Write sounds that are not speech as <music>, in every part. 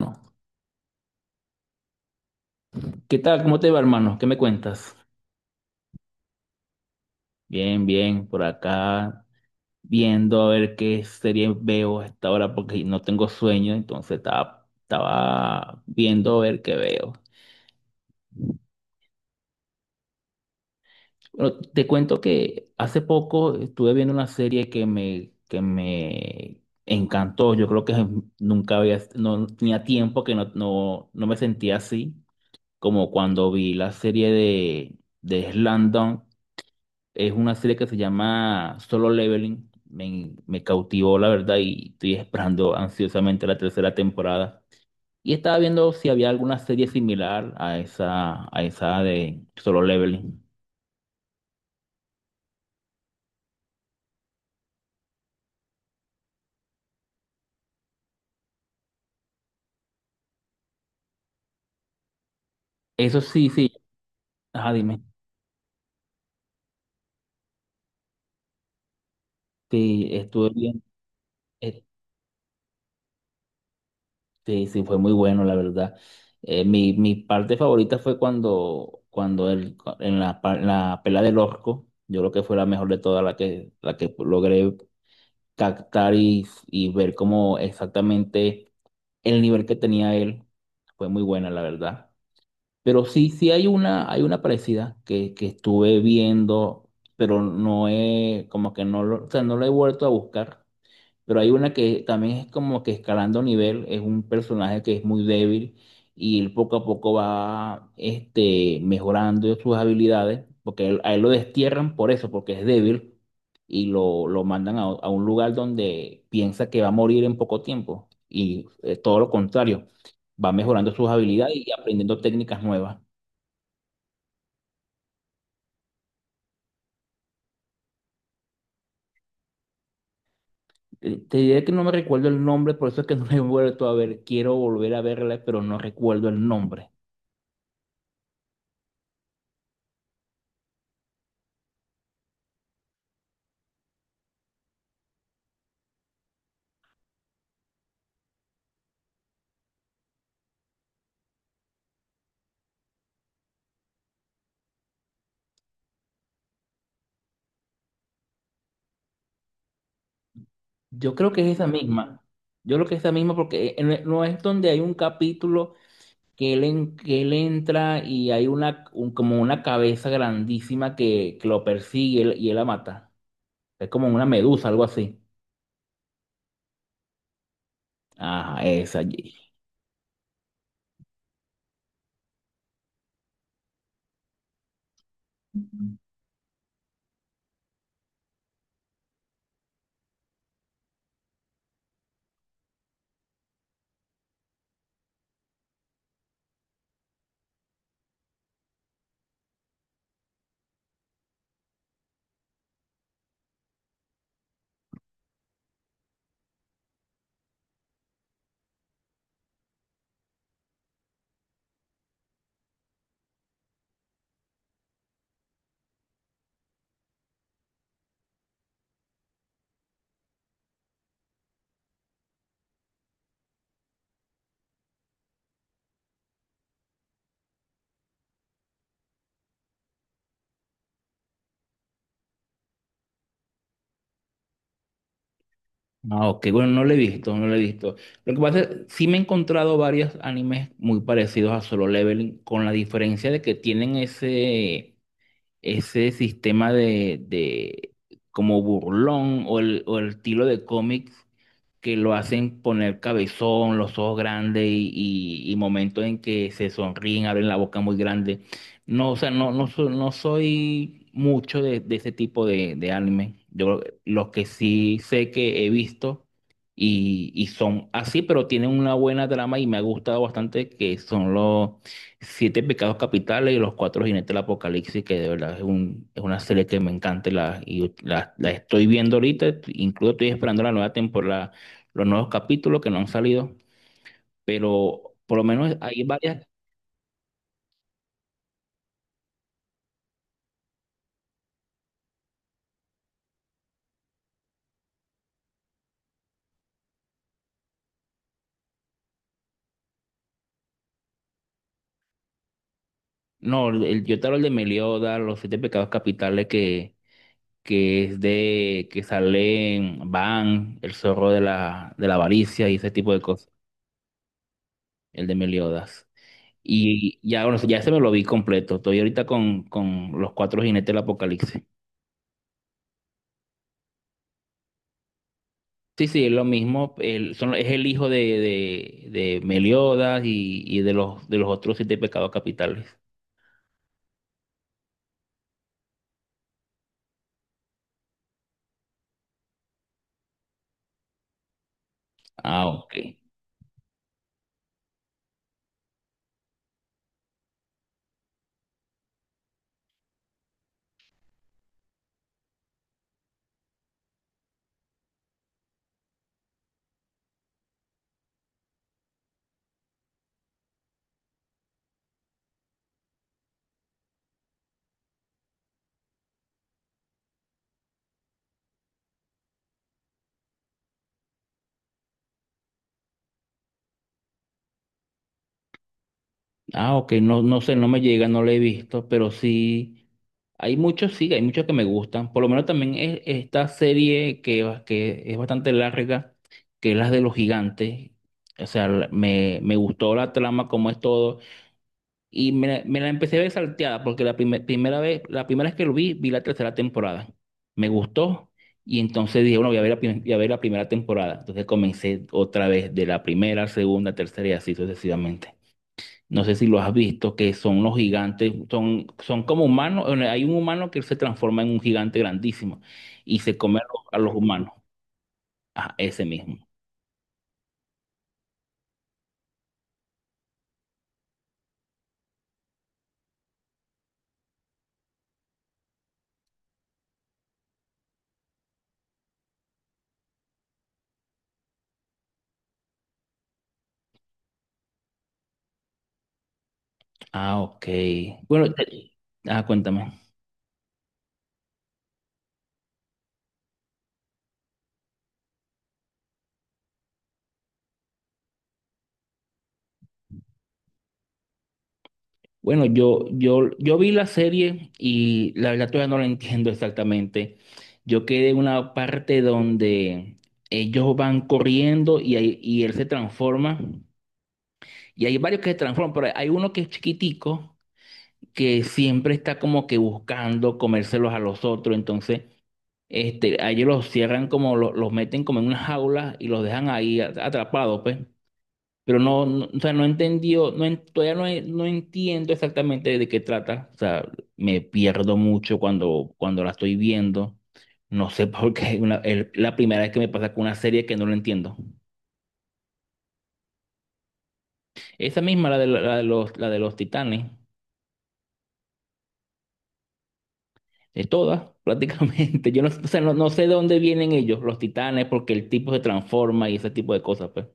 No. ¿Qué tal? ¿Cómo te va, hermano? ¿Qué me cuentas? Bien, bien, por acá viendo a ver qué serie veo a esta hora porque no tengo sueño, entonces estaba viendo a ver qué veo. Bueno, te cuento que hace poco estuve viendo una serie que me encantó. Yo creo que <laughs> nunca había, no tenía tiempo que no me sentía así, como cuando vi la serie de Slam Dunk. Es una serie que se llama Solo Leveling. Me cautivó, la verdad, y estoy esperando ansiosamente la tercera temporada. Y estaba viendo si había alguna serie similar a esa de Solo Leveling. Eso sí, sí. Ah, dime. Sí, estuve bien. Este, sí, fue muy bueno, la verdad. Mi parte favorita fue cuando el, en la, pa- en la pelea del orco, yo creo que fue la mejor de todas, la que logré captar y ver cómo exactamente el nivel que tenía él, fue muy buena, la verdad. Pero sí, sí hay una parecida que estuve viendo, pero no he, como que no lo, o sea, no la he vuelto a buscar. Pero hay una que también es como que escalando nivel, es un personaje que es muy débil y él poco a poco va mejorando sus habilidades, porque a él lo destierran por eso, porque es débil y lo mandan a un lugar donde piensa que va a morir en poco tiempo y todo lo contrario, va mejorando sus habilidades y aprendiendo técnicas nuevas. Te diré que no me recuerdo el nombre, por eso es que <laughs> no la he vuelto a ver. Quiero volver a verla, pero no recuerdo el nombre. Yo creo que es esa misma. Yo creo que es esa misma porque no es donde hay un capítulo que él entra y hay como una cabeza grandísima que lo persigue y él la mata. Es como una medusa, algo así. Ajá, esa, allí. Ah, ok, bueno, no lo he visto, no lo he visto. Lo que pasa es, sí me he encontrado varios animes muy parecidos a Solo Leveling, con la diferencia de que tienen ese, ese sistema de como burlón o el estilo de cómics que lo hacen poner cabezón, los ojos grandes y, y momentos en que se sonríen, abren la boca muy grande. No, o sea, no soy mucho de ese tipo de anime. Yo los que sí sé que he visto y son así, pero tienen una buena trama y me ha gustado bastante, que son los Siete Pecados Capitales y los Cuatro Jinetes del Apocalipsis, que de verdad es, un, es una serie que me encanta y la estoy viendo ahorita, incluso estoy esperando la nueva temporada, los nuevos capítulos que no han salido, pero por lo menos hay varias. No, el, yo te hablo de Meliodas, los Siete Pecados Capitales que es de que salen Van, el zorro de la avaricia y ese tipo de cosas, el de Meliodas. Y ya, bueno, ya se me lo vi completo. Estoy ahorita con los Cuatro Jinetes del Apocalipsis. Sí, sí, es lo mismo. Son, es el hijo de Meliodas y de los otros siete pecados capitales. Ah, ok. Ah, ok, no, no sé, no me llega, no lo he visto, pero sí, hay muchos que me gustan. Por lo menos también es esta serie que es bastante larga, que es la de los gigantes. O sea, me gustó la trama, como es todo. Y me la empecé a ver salteada, porque primera vez, la primera vez que lo vi, vi la tercera temporada. Me gustó, y entonces dije, bueno, voy a ver voy a ver la primera temporada. Entonces comencé otra vez de la primera, segunda, tercera y así sucesivamente. No sé si lo has visto, que son los gigantes, son como humanos. Bueno, hay un humano que se transforma en un gigante grandísimo y se come a los humanos. Ah, ese mismo. Ah, ok. Bueno, te- ah, cuéntame. Bueno, yo vi la serie y la verdad todavía no la entiendo exactamente. Yo quedé en una parte donde ellos van corriendo y, y él se transforma. Y hay varios que se transforman, pero hay uno que es chiquitico que siempre está como que buscando comérselos a los otros. Entonces, a ellos los cierran como los meten como en una jaula y los dejan ahí atrapados, pues. Pero no, o sea, no entendió, no, todavía no, no entiendo exactamente de qué trata. O sea, me pierdo mucho cuando la estoy viendo. No sé <laughs> por qué, es la primera vez que me pasa con una serie que no lo entiendo. Esa misma, la de, la de los titanes. De todas, prácticamente. <laughs> Yo no, o sea, no sé de dónde vienen ellos, los titanes, porque el tipo se transforma y ese tipo de cosas, pues.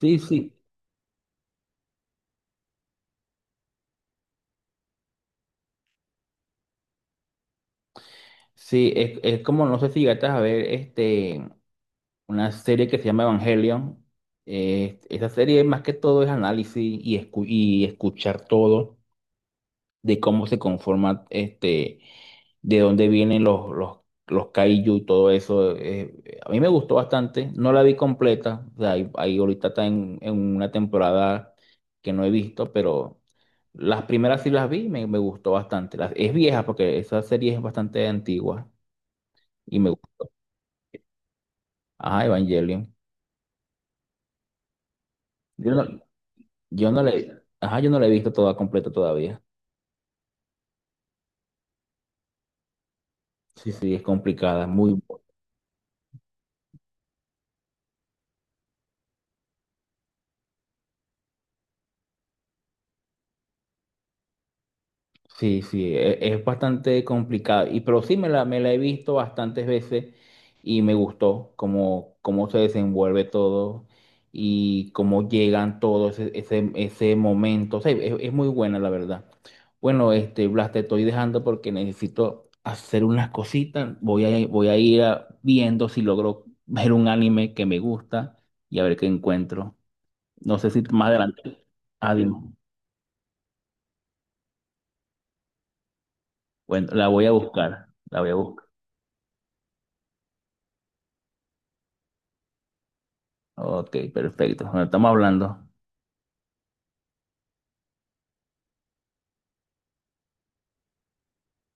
Sí, sí. Sí, es como, no sé si llegaste a ver una serie que se llama Evangelion. Esa serie más que todo es análisis y, y escuchar todo, de cómo se conforma, de dónde vienen los kaiju y todo eso. A mí me gustó bastante, no la vi completa, o sea, ahí ahorita está en una temporada que no he visto, pero las primeras sí las vi, me gustó bastante. Las, es vieja porque esa serie es bastante antigua y me gustó. Ajá, Evangelion. Yo no, yo no la ajá, yo no la he visto toda completa todavía. Sí, sí, es complicada, muy buena. Sí, sí, es bastante complicado. Y pero sí me la he visto bastantes veces y me gustó cómo, cómo se desenvuelve todo y cómo llegan todos ese momento. O sea, es muy buena la verdad. Bueno, Blas, te estoy dejando porque necesito hacer unas cositas. Voy a, voy a ir viendo si logro ver un anime que me gusta y a ver qué encuentro. No sé si más adelante. Adiós. Bueno, la voy a buscar. La voy a buscar. Ok, perfecto. Bueno, estamos hablando.